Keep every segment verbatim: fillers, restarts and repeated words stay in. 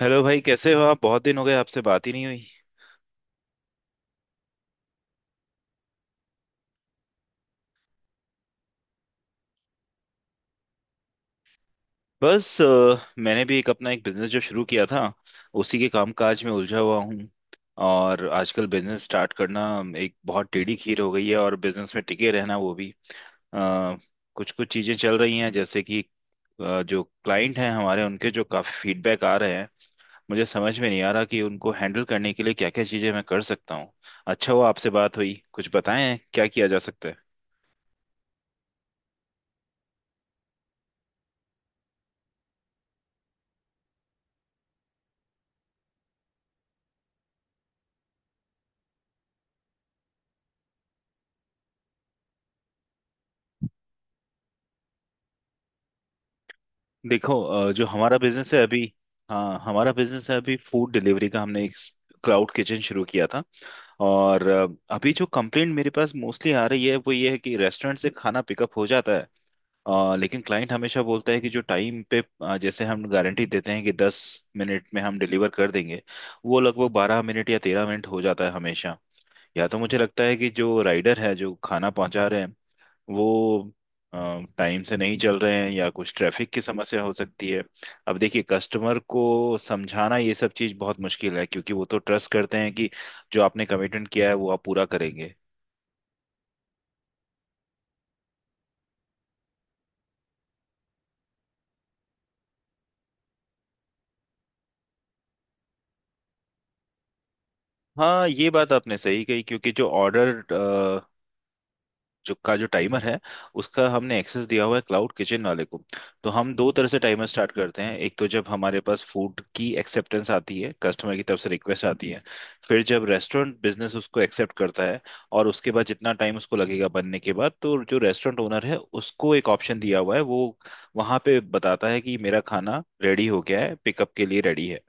Hello भाई, कैसे हो आप? बहुत दिन हो गए, आपसे बात ही नहीं हुई। बस अ, मैंने भी एक अपना एक बिजनेस जो शुरू किया था, उसी के कामकाज में उलझा हुआ हूँ। और आजकल बिजनेस स्टार्ट करना एक बहुत टेढ़ी खीर हो गई है, और बिजनेस में टिके रहना वो भी। कुछ कुछ चीजें चल रही हैं, जैसे कि अ, जो क्लाइंट हैं हमारे, उनके जो काफी फीडबैक आ रहे हैं, मुझे समझ में नहीं आ रहा कि उनको हैंडल करने के लिए क्या क्या चीजें मैं कर सकता हूँ। अच्छा हुआ आपसे बात हुई, कुछ बताएं क्या किया जा सकता है। देखो, अ, जो हमारा बिजनेस है अभी, हाँ, हमारा बिजनेस है अभी फूड डिलीवरी का। हमने एक क्लाउड किचन शुरू किया था। और अ, अभी जो कंप्लेंट मेरे पास मोस्टली आ रही है वो ये है कि रेस्टोरेंट से खाना पिकअप हो जाता है, अ, लेकिन क्लाइंट हमेशा बोलता है कि जो टाइम पे, अ, जैसे हम गारंटी देते हैं कि दस मिनट में हम डिलीवर कर देंगे, वो लगभग बारह मिनट या तेरह मिनट हो जाता है हमेशा। या तो मुझे लगता है कि जो राइडर है जो खाना पहुंचा रहे हैं, वो टाइम से नहीं चल रहे हैं, या कुछ ट्रैफिक की समस्या हो सकती है। अब देखिए, कस्टमर को समझाना ये सब चीज़ बहुत मुश्किल है, क्योंकि वो तो ट्रस्ट करते हैं कि जो आपने कमिटमेंट किया है वो आप पूरा करेंगे। हाँ, ये बात आपने सही कही, क्योंकि जो ऑर्डर जो का जो टाइमर है, उसका हमने एक्सेस दिया हुआ है क्लाउड किचन वाले को। तो हम दो तरह से टाइमर स्टार्ट करते हैं। एक तो जब हमारे पास फूड की एक्सेप्टेंस आती है, कस्टमर की तरफ से रिक्वेस्ट आती है, फिर जब रेस्टोरेंट बिजनेस उसको एक्सेप्ट करता है, और उसके बाद जितना टाइम उसको लगेगा बनने के बाद, तो जो रेस्टोरेंट ओनर है उसको एक ऑप्शन दिया हुआ है, वो वहां पे बताता है कि मेरा खाना रेडी हो गया है, पिकअप के लिए रेडी है।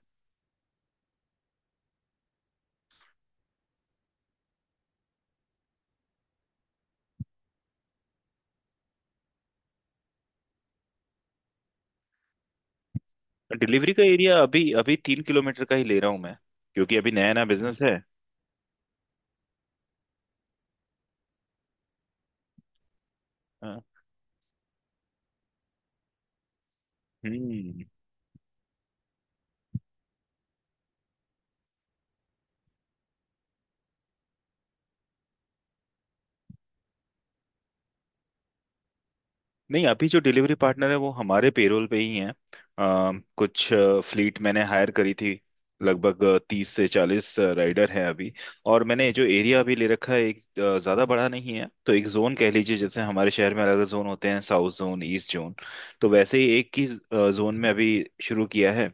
डिलीवरी का एरिया अभी अभी तीन किलोमीटर का ही ले रहा हूँ मैं, क्योंकि अभी नया नया बिजनेस है। हाँ। हम्म। नहीं, अभी जो डिलीवरी पार्टनर है वो हमारे पेरोल पे ही हैं। अ, कुछ फ्लीट मैंने हायर करी थी, लगभग तीस से चालीस राइडर हैं अभी। और मैंने जो एरिया अभी ले रखा है, एक अ, ज्यादा बड़ा नहीं है, तो एक जोन कह लीजिए। जैसे हमारे शहर में अलग अलग जोन होते हैं, साउथ जोन, ईस्ट जोन, तो वैसे ही एक ही जोन में अभी शुरू किया है,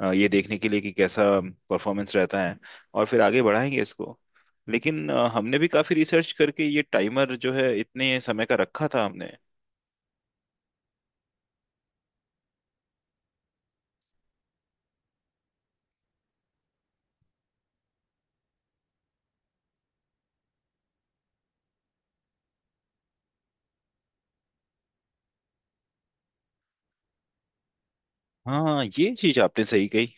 अ, ये देखने के लिए कि कैसा परफॉर्मेंस रहता है, और फिर आगे बढ़ाएंगे इसको। लेकिन अ, हमने भी काफी रिसर्च करके ये टाइमर जो है इतने समय का रखा था हमने। हाँ, ये चीज आपने सही कही।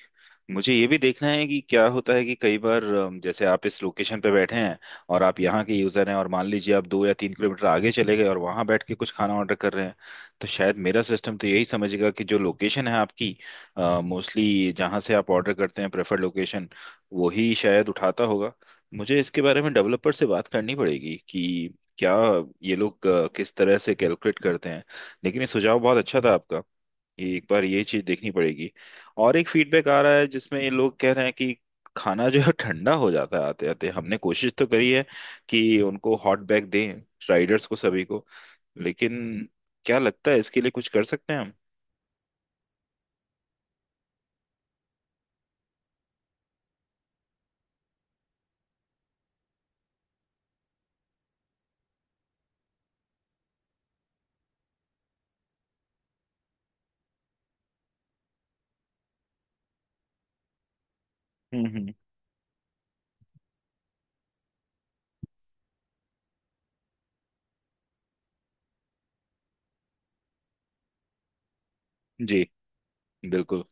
मुझे ये भी देखना है कि क्या होता है कि कई बार अम, जैसे आप इस लोकेशन पे बैठे हैं और आप यहाँ के यूजर हैं, और मान लीजिए आप दो या तीन किलोमीटर आगे चले गए और वहां बैठ के कुछ खाना ऑर्डर कर रहे हैं, तो शायद मेरा सिस्टम तो यही समझेगा कि जो लोकेशन है आपकी, मोस्टली जहाँ से आप ऑर्डर करते हैं, प्रेफर्ड लोकेशन, वही शायद उठाता होगा। मुझे इसके बारे में डेवलपर से बात करनी पड़ेगी कि क्या ये लोग अ, किस तरह से कैलकुलेट करते हैं। लेकिन ये सुझाव बहुत अच्छा था आपका, एक बार ये चीज देखनी पड़ेगी। और एक फीडबैक आ रहा है जिसमें ये लोग कह रहे हैं कि खाना जो है ठंडा हो जाता है आते आते। हमने कोशिश तो करी है कि उनको हॉट बैग दें, राइडर्स को सभी को, लेकिन क्या लगता है, इसके लिए कुछ कर सकते हैं हम? हम्म हम्म। जी। बिल्कुल।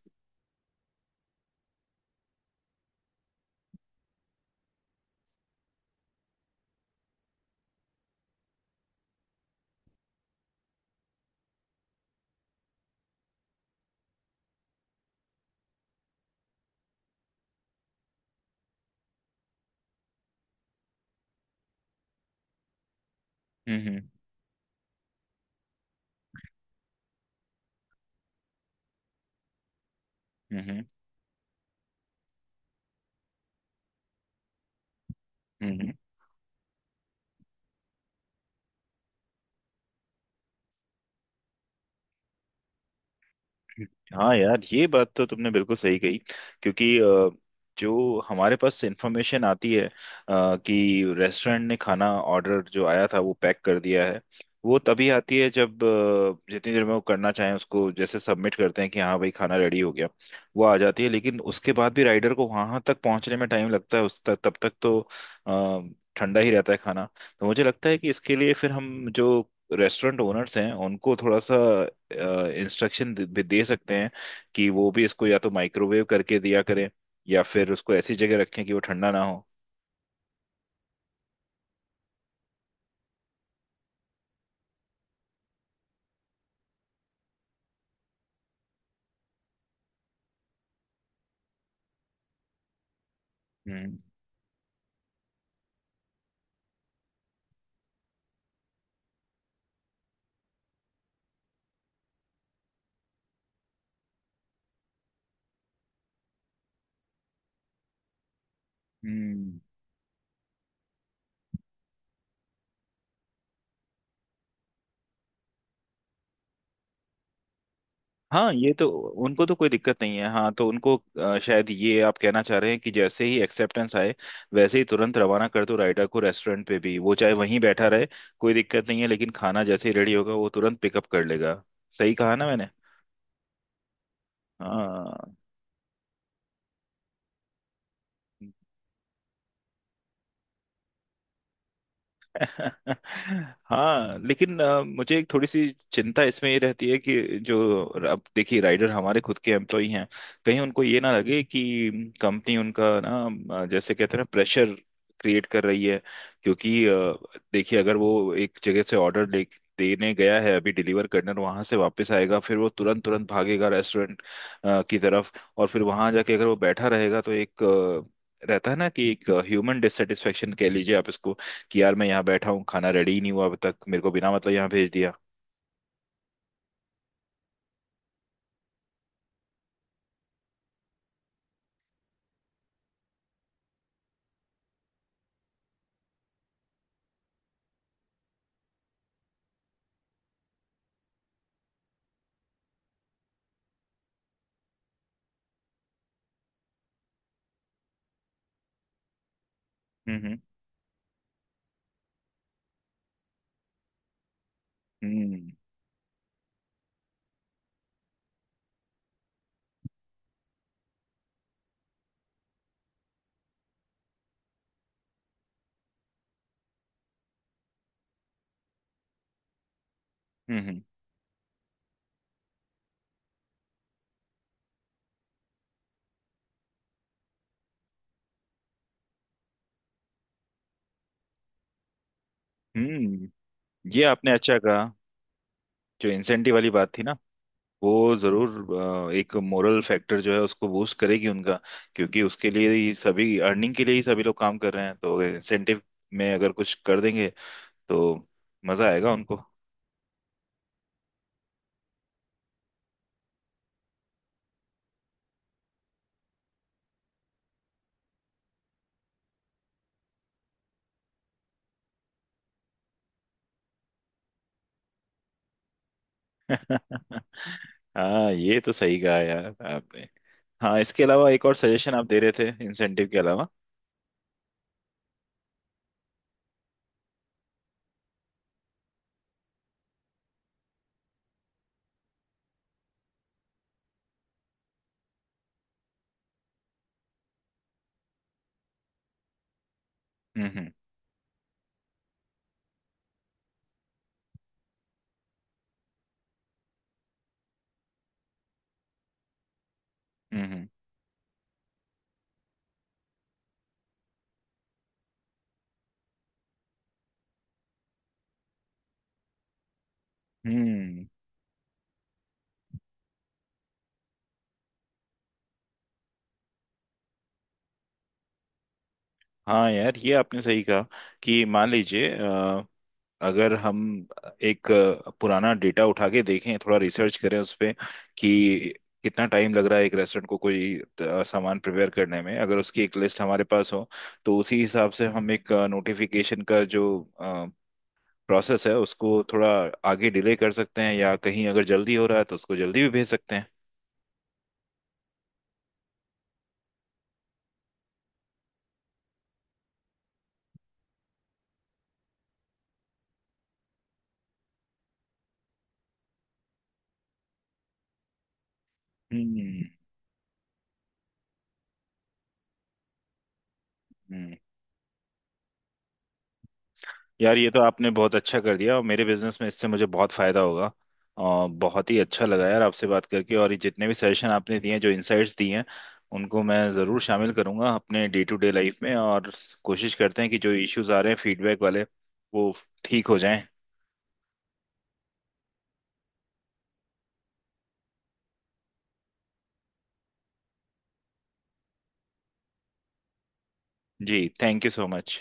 हम्म हम्म। हम्म हम्म। हम्म। हाँ यार, ये बात तो तुमने बिल्कुल सही कही। क्योंकि अ, जो हमारे पास इंफॉर्मेशन आती है अ, कि रेस्टोरेंट ने खाना, ऑर्डर जो आया था वो पैक कर दिया है, वो तभी आती है जब अ, जितनी देर में वो करना चाहें उसको जैसे सबमिट करते हैं कि हाँ भाई खाना रेडी हो गया, वो आ जाती है। लेकिन उसके बाद भी राइडर को वहां तक पहुंचने में टाइम लगता है, उस तक तब तक तो अ, ठंडा ही रहता है खाना। तो मुझे लगता है कि इसके लिए फिर हम जो रेस्टोरेंट ओनर्स हैं उनको थोड़ा सा इंस्ट्रक्शन भी दे सकते हैं कि वो भी इसको या तो माइक्रोवेव करके दिया करें, या फिर उसको ऐसी जगह रखें कि वो ठंडा ना हो। हम्म हम्म। हाँ, ये तो, उनको तो कोई दिक्कत नहीं है। हाँ, तो उनको अ, शायद ये आप कहना चाह रहे हैं कि जैसे ही एक्सेप्टेंस आए, वैसे ही तुरंत रवाना कर दो राइडर को रेस्टोरेंट पे भी, वो चाहे वहीं बैठा रहे, कोई दिक्कत नहीं है, लेकिन खाना जैसे ही रेडी होगा वो तुरंत पिकअप कर लेगा। सही कहा ना मैंने? हाँ। हाँ लेकिन अ, मुझे एक थोड़ी सी चिंता इसमें ये रहती है कि जो, अब देखिए, राइडर हमारे खुद के एम्प्लॉय हैं, कहीं उनको ये ना लगे कि कंपनी उनका ना, अ, जैसे कहते हैं ना, प्रेशर क्रिएट कर रही है। क्योंकि अ, देखिए, अगर वो एक जगह से ऑर्डर ले देने गया है अभी डिलीवर करने, वहां से वापस आएगा, फिर वो तुरंत तुरंत भागेगा रेस्टोरेंट की तरफ, और फिर वहां जाके अगर वो बैठा रहेगा, तो एक अ, रहता है ना कि एक ह्यूमन डिससेटिस्फेक्शन कह लीजिए आप इसको, कि यार मैं यहाँ बैठा हूँ, खाना रेडी ही नहीं हुआ अभी तक, मेरे को बिना मतलब यहाँ भेज दिया। हम्म हम्म। हम्म हम्म। हम्म। ये आपने अच्छा कहा। जो इंसेंटिव वाली बात थी ना, वो जरूर अ, एक मोरल फैक्टर जो है उसको बूस्ट करेगी उनका। क्योंकि उसके लिए ही, सभी अर्निंग के लिए ही सभी लोग काम कर रहे हैं, तो इंसेंटिव में अगर कुछ कर देंगे तो मजा आएगा उनको। हाँ ये तो सही कहा यार आपने। हाँ, इसके अलावा एक और सजेशन आप दे रहे थे इंसेंटिव के अलावा? हम्म हम्म। हम्म हम्म। हाँ यार ये आपने सही कहा। कि मान लीजिए, अ, अगर हम एक अ, पुराना डेटा उठा के देखें, थोड़ा रिसर्च करें उस पे, कि कितना टाइम लग रहा है एक रेस्टोरेंट को कोई अ, सामान प्रिपेयर करने में, अगर उसकी एक लिस्ट हमारे पास हो, तो उसी हिसाब से हम एक नोटिफिकेशन का जो प्रोसेस है उसको थोड़ा आगे डिले कर सकते हैं, या कहीं अगर जल्दी हो रहा है तो उसको जल्दी भी भेज सकते हैं। हम्म। यार ये तो आपने बहुत अच्छा कर दिया, और मेरे बिजनेस में इससे मुझे बहुत फायदा होगा। और बहुत ही अच्छा लगा यार आपसे बात करके, और ये जितने भी सजेशन आपने दिए हैं, जो इनसाइट्स दिए हैं, उनको मैं ज़रूर शामिल करूंगा अपने डे टू डे लाइफ में, और कोशिश करते हैं कि जो इश्यूज आ रहे हैं फीडबैक वाले, वो ठीक हो जाएं। जी, थैंक यू सो मच।